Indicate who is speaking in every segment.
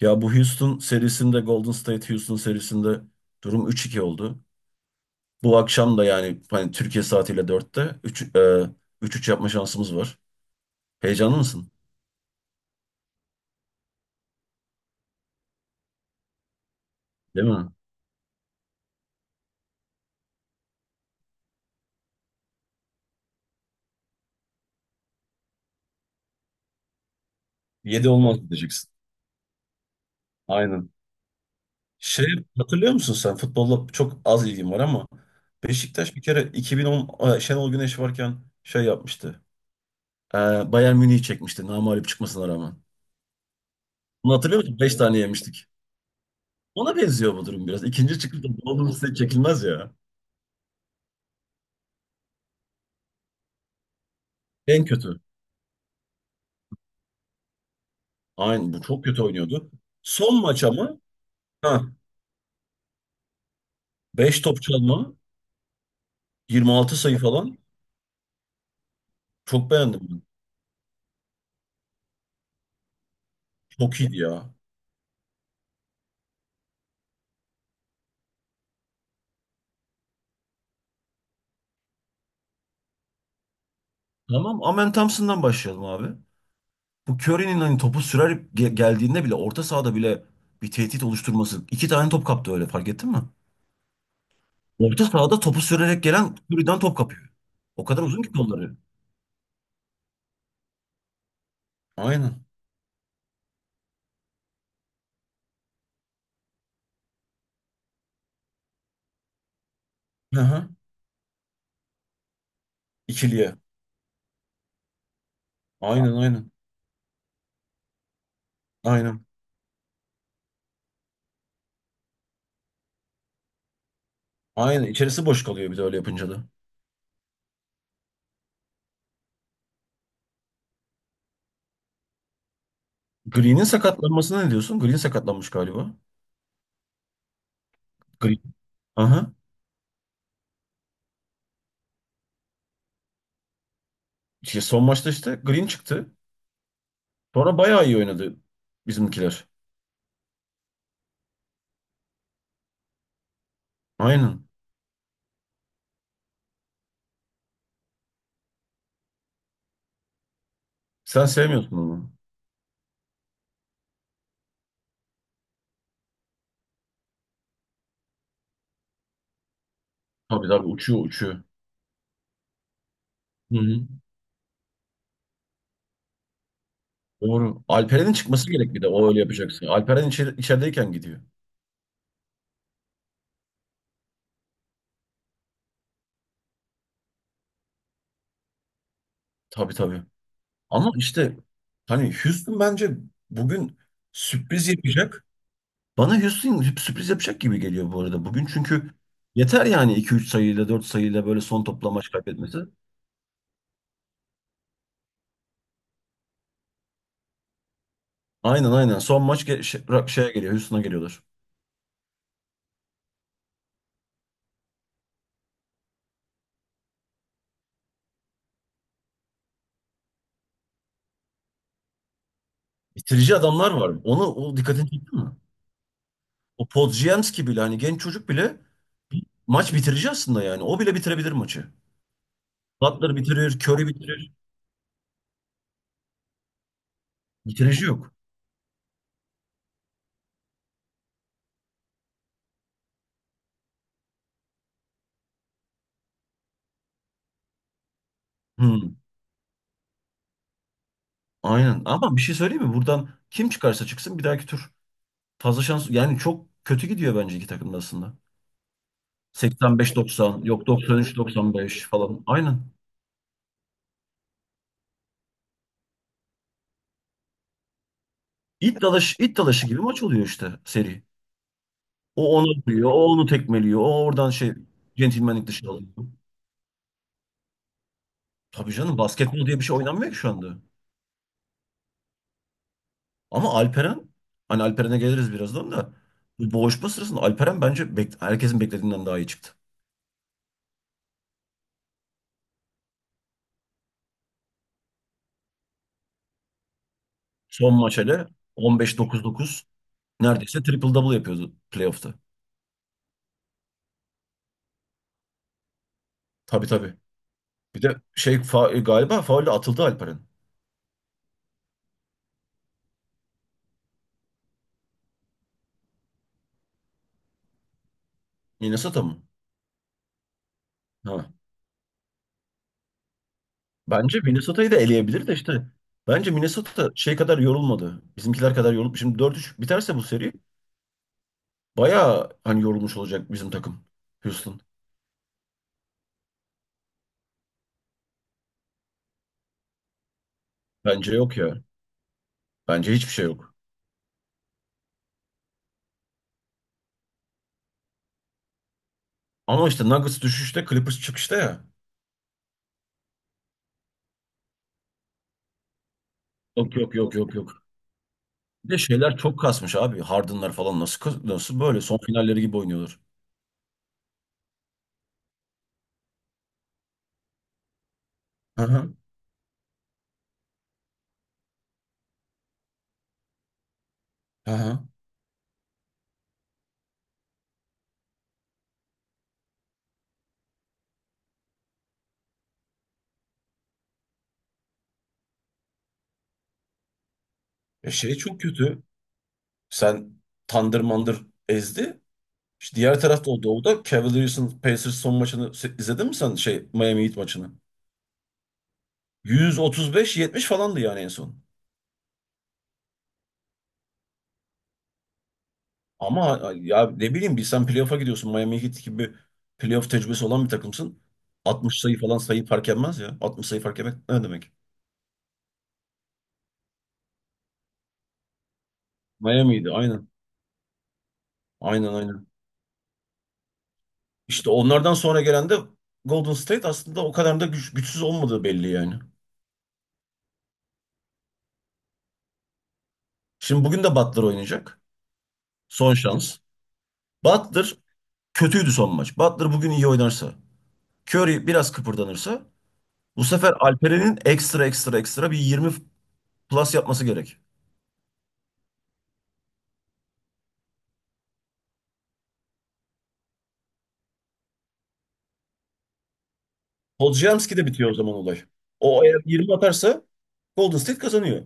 Speaker 1: Ya, bu Houston serisinde, Golden State Houston serisinde durum 3-2 oldu. Bu akşam da yani hani Türkiye saatiyle dörtte 3 3 yapma şansımız var. Heyecanlı mısın? Değil mi? Yedi olmaz diyeceksin. Aynen. Şey, hatırlıyor musun sen? Futbolla çok az ilgim var ama Beşiktaş bir kere 2010 Şenol Güneş varken şey yapmıştı. E, Bayern Münih'i çekmişti namağlup çıkmasına rağmen. Bunu hatırlıyor musun? 5 tane yemiştik. Ona benziyor bu durum biraz. İkinci çıkışta Golden State çekilmez ya. En kötü. Aynen, bu çok kötü oynuyordu. Son maç ama, ha, 5 top çalma, yirmi altı sayı falan çok beğendim ben. Çok iyiydi ya. Tamam, Amen Thompson'dan başlayalım abi. Bu Curry'nin hani topu sürer geldiğinde bile, orta sahada bile bir tehdit oluşturması. İki tane top kaptı, öyle fark ettin mi? Orta sahada topu sürerek gelen Curry'den top kapıyor. O kadar uzun ki kolları. Aynen. Hı hı. İkiliye. Aynen aynen. Aynen. Aynen. İçerisi boş kalıyor bir de öyle yapınca da. Green'in sakatlanmasına ne diyorsun? Green sakatlanmış galiba. Green. Aha. İşte son maçta işte Green çıktı. Sonra bayağı iyi oynadı bizimkiler. Aynen. Sen sevmiyorsun onu. Tabii tabii, uçuyor uçuyor. Hı hı. Doğru. Alperen'in çıkması gerek bir de. O öyle yapacaksın. Alperen içeri, içerideyken gidiyor. Tabii tabii. Ama işte hani Houston bence bugün sürpriz yapacak. Bana Houston sürpriz yapacak gibi geliyor bu arada. Bugün çünkü yeter yani, iki üç sayıyla, 4 sayıyla böyle son topla maç kaybetmesi. Aynen aynen. Son maç şeye geliyor. Houston'a geliyorlar. Bitirici adamlar var. Onu, o dikkatini çekti mi? O Podziemski bile, hani genç çocuk bile maç bitirici aslında yani. O bile bitirebilir maçı. Butler bitirir, Curry bitirir. Bitirici yok. Hmm, aynen. Ama bir şey söyleyeyim mi? Buradan kim çıkarsa çıksın bir dahaki tur. Fazla şans yani, çok kötü gidiyor bence iki takım da aslında. 85-90, yok 93-95 falan. Aynen. İt dalaşı, it dalaşı gibi maç oluyor işte seri. O onu vuruyor, o onu tekmeliyor, o oradan şey centilmenlik dışı alıyor. Tabii canım, basketbol diye bir şey oynanmıyor ki şu anda. Ama Alperen, hani Alperen'e geliriz birazdan da. Bu boğuşma sırasında Alperen bence herkesin beklediğinden daha iyi çıktı. Son maç hele, 15 9 9, neredeyse triple double yapıyordu playoff'ta. Tabii tabii. Bir de şey galiba faulle atıldı Alperen. Minnesota mı? Ha. Bence Minnesota'yı da eleyebilir de işte. Bence Minnesota şey kadar yorulmadı. Bizimkiler kadar yorulup şimdi 4 üç biterse bu seri, bayağı hani yorulmuş olacak bizim takım. Houston. Bence yok ya. Bence hiçbir şey yok. Ama işte Nuggets düşüşte, Clippers çıkışta ya. Yok yok yok yok yok. Bir de şeyler çok kasmış abi. Harden'lar falan nasıl böyle son finalleri gibi oynuyorlar. Hı hı. Hı hı. Şey çok kötü. Sen Thunder mandır ezdi. İşte diğer tarafta o doğuda Cavaliers'ın Pacers son maçını izledin mi sen şey, Miami Heat maçını? 135-70 falandı yani en son. Ama ya ne bileyim, bir sen playoff'a gidiyorsun. Miami Heat gibi playoff tecrübesi olan bir takımsın. 60 sayı falan, sayı fark etmez ya. 60 sayı fark etmek ne demek? Miami'ydi aynen. Aynen aynen. İşte onlardan sonra gelen de Golden State, aslında o kadar da güçsüz olmadığı belli yani. Şimdi bugün de Butler oynayacak. Son şans. Butler kötüydü son maç. Butler bugün iyi oynarsa. Curry biraz kıpırdanırsa. Bu sefer Alperen'in ekstra ekstra ekstra bir 20 plus yapması gerek. Poljiamski'de bitiyor o zaman olay. O eğer 20 atarsa Golden State kazanıyor.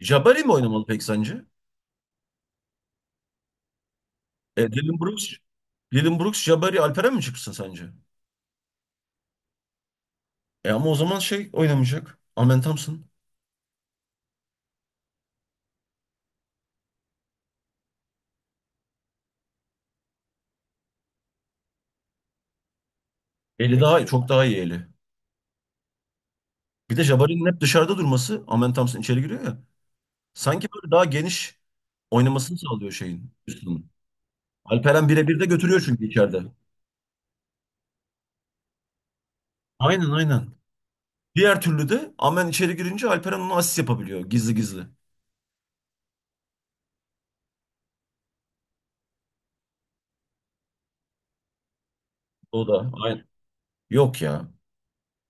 Speaker 1: Jabari mi oynamalı peki sence? E, Dylan Brooks, Dylan Brooks, Jabari, Alperen mi çıksın sence? Ama o zaman şey oynamayacak. Amen Thompson. Eli daha iyi, çok daha iyi eli. Bir de Jabari'nin hep dışarıda durması, Amen Thompson içeri giriyor ya. Sanki böyle daha geniş oynamasını sağlıyor şeyin üstünün. Alperen birebir de götürüyor çünkü içeride. Aynen aynen. Diğer türlü de Amen içeri girince Alperen onu asist yapabiliyor gizli gizli. O da aynen. Yok ya.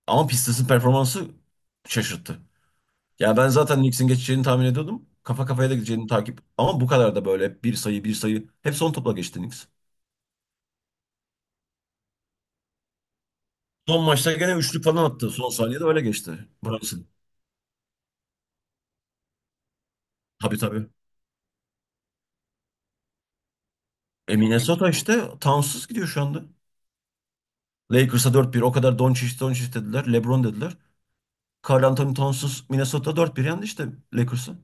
Speaker 1: Ama Pistons'ın performansı şaşırttı. Ya ben zaten Knicks'in geçeceğini tahmin ediyordum. Kafa kafaya da gideceğini takip. Ama bu kadar da böyle, hep bir sayı bir sayı. Hep son topla geçti Knicks. Son maçta gene üçlük falan attı. Son saniyede öyle geçti. Brunson. Tabii tabii. Minnesota işte Towns'suz gidiyor şu anda. Lakers'a 4-1. O kadar Doncic Doncic dediler, LeBron dediler. Karl Anthony Towns'suz Minnesota 4-1 yendi işte Lakers'a.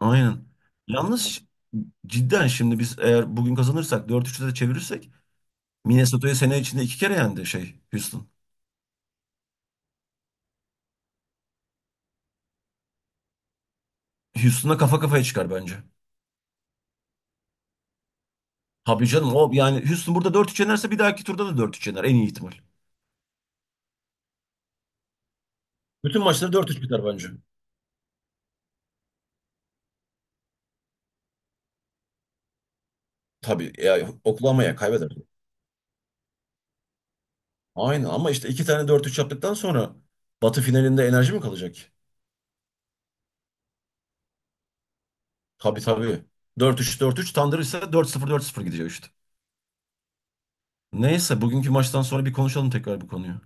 Speaker 1: Aynen. Yalnız cidden şimdi biz eğer bugün kazanırsak, 4-3'te de çevirirsek Minnesota'yı, sene içinde iki kere yendi şey Houston. Houston'a kafa kafaya çıkar bence. Tabii canım, o yani Houston burada 4-3 yenerse, bir dahaki turda da 4-3 yener en iyi ihtimal. Bütün maçları 4-3 biter bence. Tabii ya, Oklahoma'ya kaybeder. Aynen, ama işte iki tane 4-3 yaptıktan sonra Batı finalinde enerji mi kalacak? Tabii tabii. Dört üç dört üç Thunder ise, 4-0 4-0 gidecek işte. Neyse, bugünkü maçtan sonra bir konuşalım tekrar bu konuyu.